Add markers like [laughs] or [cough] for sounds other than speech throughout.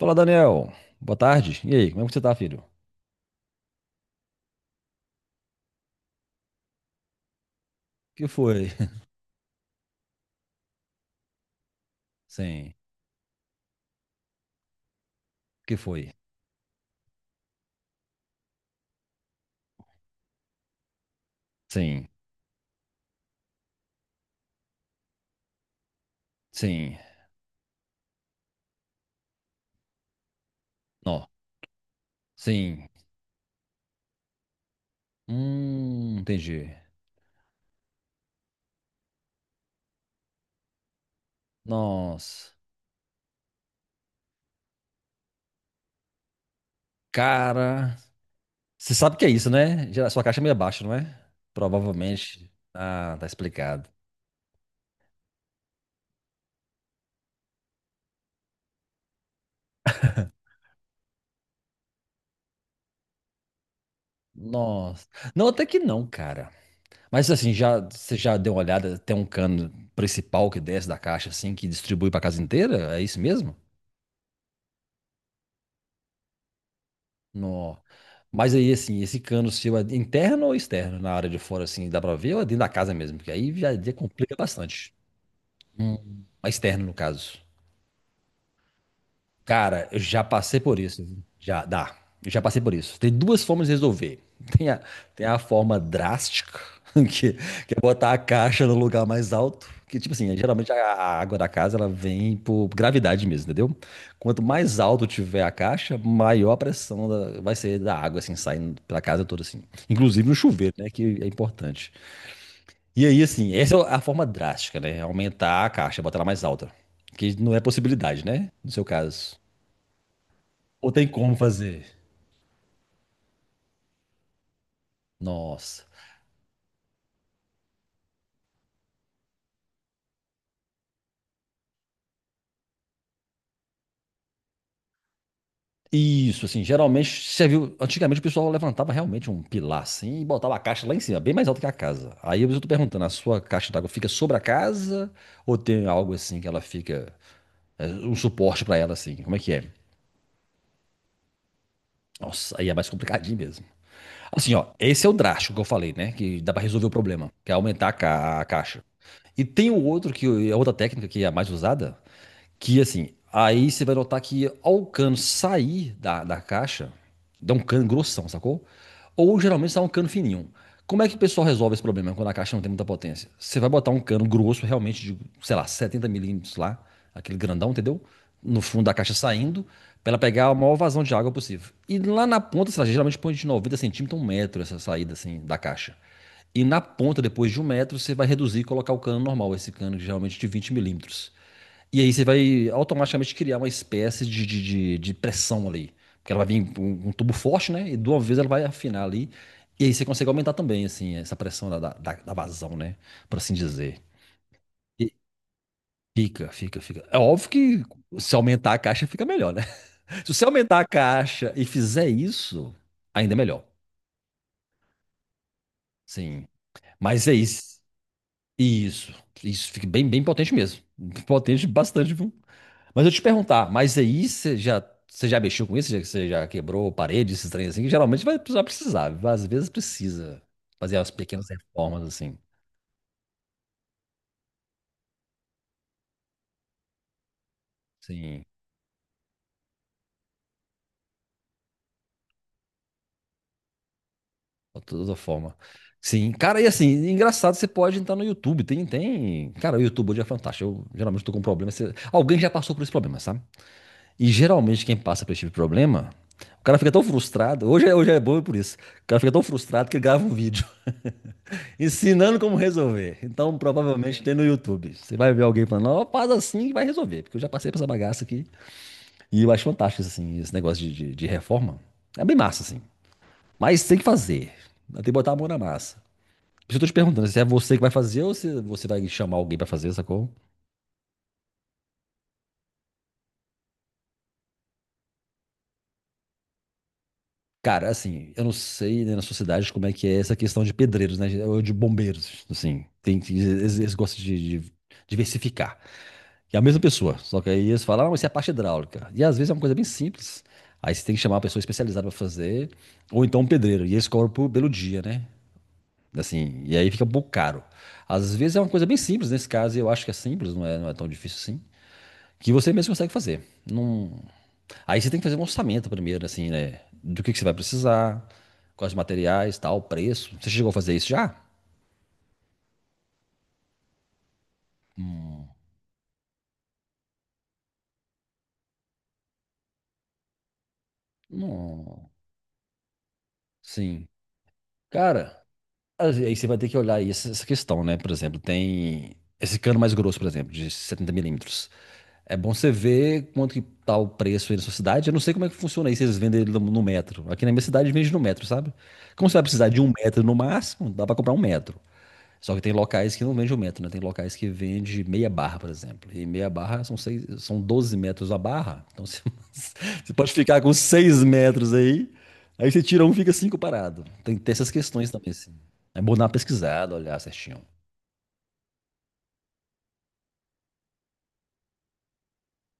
Fala, Daniel. Boa tarde. E aí, como é que você tá, filho? Que foi? [laughs] Sim. Que foi? Sim. Sim. Não. Sim. Entendi. Nossa. Cara. Você sabe o que é isso, né? Sua caixa é meio baixa, não é? Provavelmente. Ah, tá explicado. Nossa. Não, até que não, cara. Mas assim, você já deu uma olhada? Tem um cano principal que desce da caixa, assim, que distribui pra casa inteira? É isso mesmo? Nó. Mas aí, assim, esse cano seu é interno ou externo? Na área de fora, assim, dá pra ver ou é dentro da casa mesmo? Porque aí já complica bastante. Hum. Mas externo, no caso. Cara, eu já passei por isso. Já dá. Eu já passei por isso. Tem duas formas de resolver. Tem a, tem a forma drástica, [laughs] que, que é botar a caixa no lugar mais alto. Que, tipo assim, geralmente a água da casa ela vem por gravidade mesmo, entendeu? Quanto mais alto tiver a caixa, maior a pressão vai ser da água, assim, saindo pela casa toda, assim. Inclusive no chuveiro, né? Que é importante. E aí, assim, essa é a forma drástica, né? Aumentar a caixa, botar ela mais alta. Que não é possibilidade, né? No seu caso. Ou tem como fazer? Nossa. Isso, assim, geralmente serviu. Antigamente o pessoal levantava realmente um pilar assim e botava a caixa lá em cima, bem mais alto que a casa. Aí eu estou perguntando, a sua caixa d'água fica sobre a casa ou tem algo assim que ela fica. É, um suporte para ela assim? Como é que é? Nossa, aí é mais complicadinho mesmo. Assim, ó, esse é o drástico que eu falei, né? Que dá para resolver o problema, que é aumentar a caixa. E tem o outro que é outra técnica que é a mais usada. Que assim, aí você vai notar que ao cano sair da caixa, dá um cano grossão, sacou? Ou geralmente sai um cano fininho. Como é que o pessoal resolve esse problema quando a caixa não tem muita potência? Você vai botar um cano grosso, realmente, de, sei lá, 70 milímetros lá, aquele grandão, entendeu? No fundo da caixa saindo, para ela pegar a maior vazão de água possível. E lá na ponta, sei lá, geralmente põe de 90 centímetros, um metro essa saída assim da caixa. E na ponta, depois de um metro, você vai reduzir e colocar o cano normal, esse cano geralmente de 20 milímetros. E aí você vai automaticamente criar uma espécie de pressão ali. Porque ela vai vir um tubo forte, né? E de uma vez ela vai afinar ali. E aí você consegue aumentar também, assim, essa pressão da vazão, né? Por assim dizer. E fica, fica, fica. É óbvio que se aumentar a caixa fica melhor, né? [laughs] Se você aumentar a caixa e fizer isso, ainda é melhor. Sim. Mas é isso. Isso. Isso fica bem, bem potente mesmo. Potente bastante, viu? Mas eu te perguntar, mas aí você já mexeu com isso? Você já quebrou parede, esses trem assim? Que geralmente vai precisar. Às vezes precisa fazer as pequenas reformas assim. Sim, de toda forma. Sim, cara, e assim, engraçado, você pode entrar no YouTube, tem... Cara, o YouTube hoje é fantástico, eu geralmente tô com um problema, alguém já passou por esse problema, sabe? E geralmente quem passa por esse tipo de problema, o cara fica tão frustrado. Hoje é bom por isso. O cara fica tão frustrado que ele grava um vídeo [laughs] ensinando como resolver. Então, provavelmente tem no YouTube. Você vai ver alguém falando, ó, faz assim e vai resolver. Porque eu já passei por essa bagaça aqui. E eu acho fantástico, assim, esse negócio de reforma. É bem massa, assim. Mas tem que fazer. Tem que botar a mão na massa. Por isso eu tô te perguntando se é você que vai fazer ou se você vai chamar alguém pra fazer, sacou? Cara, assim, eu não sei, né, na sua cidade como é que é essa questão de pedreiros, né? Ou de bombeiros, assim. Tem, eles gostam de diversificar. E é a mesma pessoa, só que aí eles falam, ah, mas isso é a parte hidráulica. E às vezes é uma coisa bem simples. Aí você tem que chamar uma pessoa especializada para fazer, ou então um pedreiro. E eles cobram pelo dia, né? Assim, e aí fica um pouco caro. Às vezes é uma coisa bem simples, nesse caso eu acho que é simples, não é tão difícil assim. Que você mesmo consegue fazer. Não, aí você tem que fazer um orçamento primeiro, assim, né? Do que você vai precisar, quais materiais, tal, preço. Você chegou a fazer isso já? Hum. Não. Sim. Cara, aí você vai ter que olhar aí essa questão, né? Por exemplo, tem esse cano mais grosso, por exemplo, de 70 milímetros. É bom você ver quanto que tá o preço aí na sua cidade. Eu não sei como é que funciona aí, se eles vendem ele no metro. Aqui na minha cidade vende no metro, sabe? Como você vai precisar de um metro no máximo, dá pra comprar um metro. Só que tem locais que não vende o metro, né? Tem locais que vende meia barra, por exemplo. E meia barra são, seis, são 12 metros a barra. Então você, [laughs] você pode ficar com 6 metros aí, aí você tira um fica cinco parado. Tem que ter essas questões também, assim. É bom dar uma pesquisada, olhar certinho.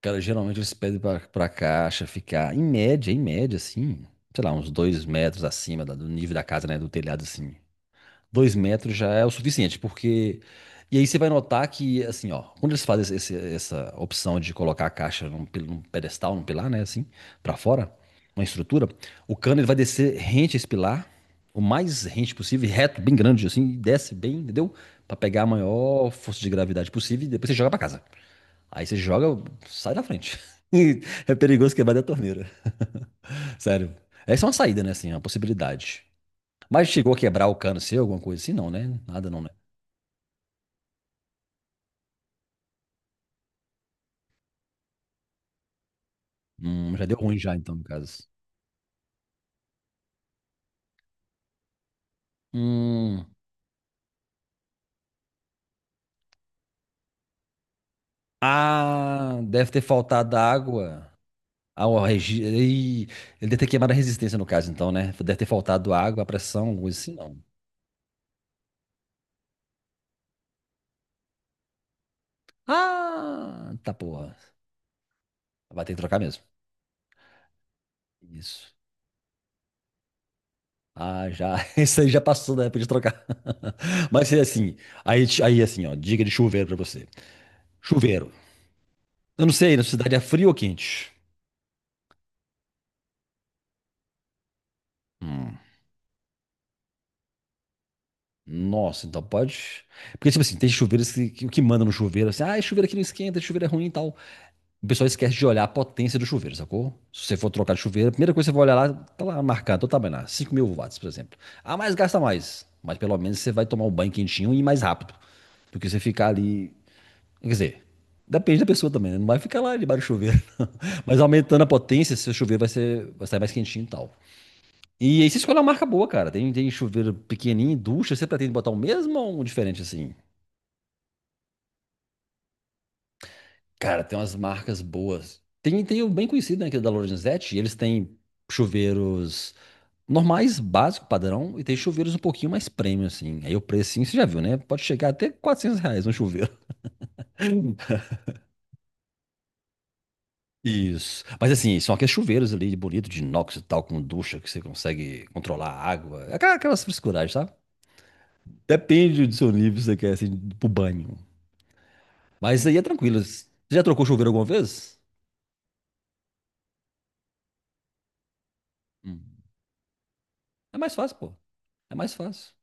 Cara, geralmente eles pedem pra caixa ficar, em média, assim, sei lá, uns 2 metros acima do nível da casa, né? Do telhado, assim. 2 metros já é o suficiente, porque. E aí você vai notar que, assim, ó, quando eles fazem essa opção de colocar a caixa num pedestal, num pilar, né, assim, pra fora, uma estrutura, o cano ele vai descer rente a esse pilar, o mais rente possível, reto, bem grande, assim, e desce bem, entendeu? Pra pegar a maior força de gravidade possível e depois você joga pra casa. Aí você joga, sai da frente. [laughs] É perigoso quebrar da torneira. [laughs] Sério. Essa é uma saída, né, assim, uma possibilidade. Mas chegou a quebrar o cano seu, alguma coisa assim? Não, né? Nada não, né? Já deu ruim já, então, no caso. Hum. Ah, deve ter faltado água. Ah, o regi... Ih, Ele deve ter queimado a resistência, no caso, então, né? Deve ter faltado água, a pressão, alguma coisa assim, não. Ah, tá porra. Vai ter que trocar mesmo. Isso. Ah, já. [laughs] Isso aí já passou da época de trocar. [laughs] Mas é assim. Aí assim, ó. Dica de chuveiro pra você. Chuveiro. Eu não sei, na cidade é frio ou quente? Nossa, então pode. Porque, tipo assim, tem chuveiros que manda no chuveiro, assim, ah, esse chuveiro aqui não esquenta, esse chuveiro é ruim e tal. O pessoal esquece de olhar a potência do chuveiro, sacou? Se você for trocar de chuveiro, a primeira coisa que você vai olhar lá, tá lá marcado, tá bem lá, 5 mil watts, por exemplo. Ah, mas gasta mais. Mas pelo menos você vai tomar um banho quentinho e ir mais rápido. Do que você ficar ali. Quer dizer, depende da pessoa também, né? Não vai ficar lá debaixo do chuveiro, [laughs] não. Mas aumentando a potência, seu chuveiro vai ser, vai sair mais quentinho e tal. E aí você escolhe uma marca boa, cara. Tem chuveiro pequenininho, ducha. Você pretende botar o mesmo ou um diferente assim? Cara, tem umas marcas boas. Tem o bem conhecido, né, que é da Lorenzetti. Eles têm chuveiros normais, básico, padrão. E tem chuveiros um pouquinho mais premium, assim. Aí o precinho, você já viu, né? Pode chegar até R$ 400 um chuveiro. [laughs] Isso. Mas assim, são aqueles chuveiros ali, bonito, de inox e tal, com ducha, que você consegue controlar a água. Aquelas frescuragens, sabe? Depende do seu nível, se você quer, assim, pro banho. Mas isso aí é tranquilo. Você já trocou chuveiro alguma vez? Hum. É mais fácil, pô. É mais fácil.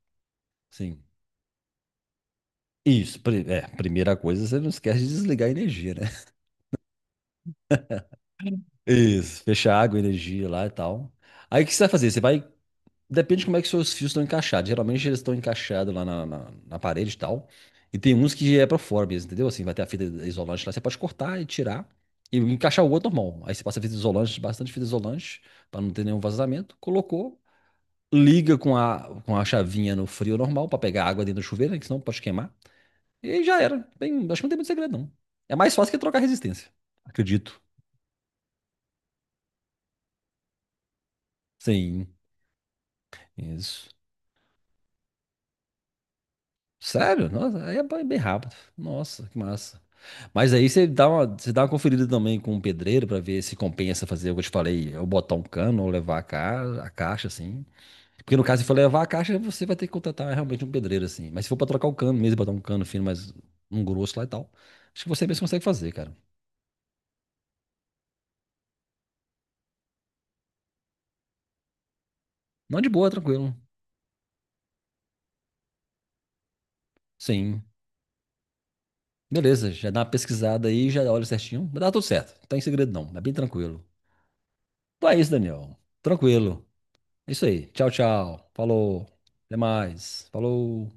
Sim. Isso. É, primeira coisa, você não esquece de desligar a energia, né? Isso. Fechar água, energia lá e tal. Aí o que você vai fazer? Você vai. Depende de como é que seus fios estão encaixados. Geralmente eles estão encaixados lá na parede e tal. E tem uns que é pra fora mesmo, entendeu? Assim, vai ter a fita isolante lá. Você pode cortar e tirar e encaixar o outro normal. Aí você passa fita isolante, bastante fita isolante, pra não ter nenhum vazamento. Colocou. Liga com a chavinha no frio normal pra pegar água dentro do chuveiro, né, que senão pode queimar. E aí já era. Bem, acho que não tem muito segredo, não. É mais fácil que trocar resistência. Acredito. Sim, isso. Sério? Nossa, aí é bem rápido. Nossa, que massa. Mas aí você dá uma conferida também com o pedreiro pra ver se compensa fazer o que eu te falei, eu botar um cano ou levar a caixa assim. Porque no caso, se for levar a caixa, você vai ter que contratar realmente um pedreiro, assim. Mas se for pra trocar o cano mesmo, botar um cano fino, mas um grosso lá e tal, acho que você mesmo consegue fazer, cara. Não, de boa, tranquilo. Sim. Beleza, já dá uma pesquisada aí, já olha certinho. Vai dar tudo certo. Não tem segredo não, é bem tranquilo. Então é isso, Daniel. Tranquilo. É isso aí. Tchau, tchau. Falou. Até mais. Falou.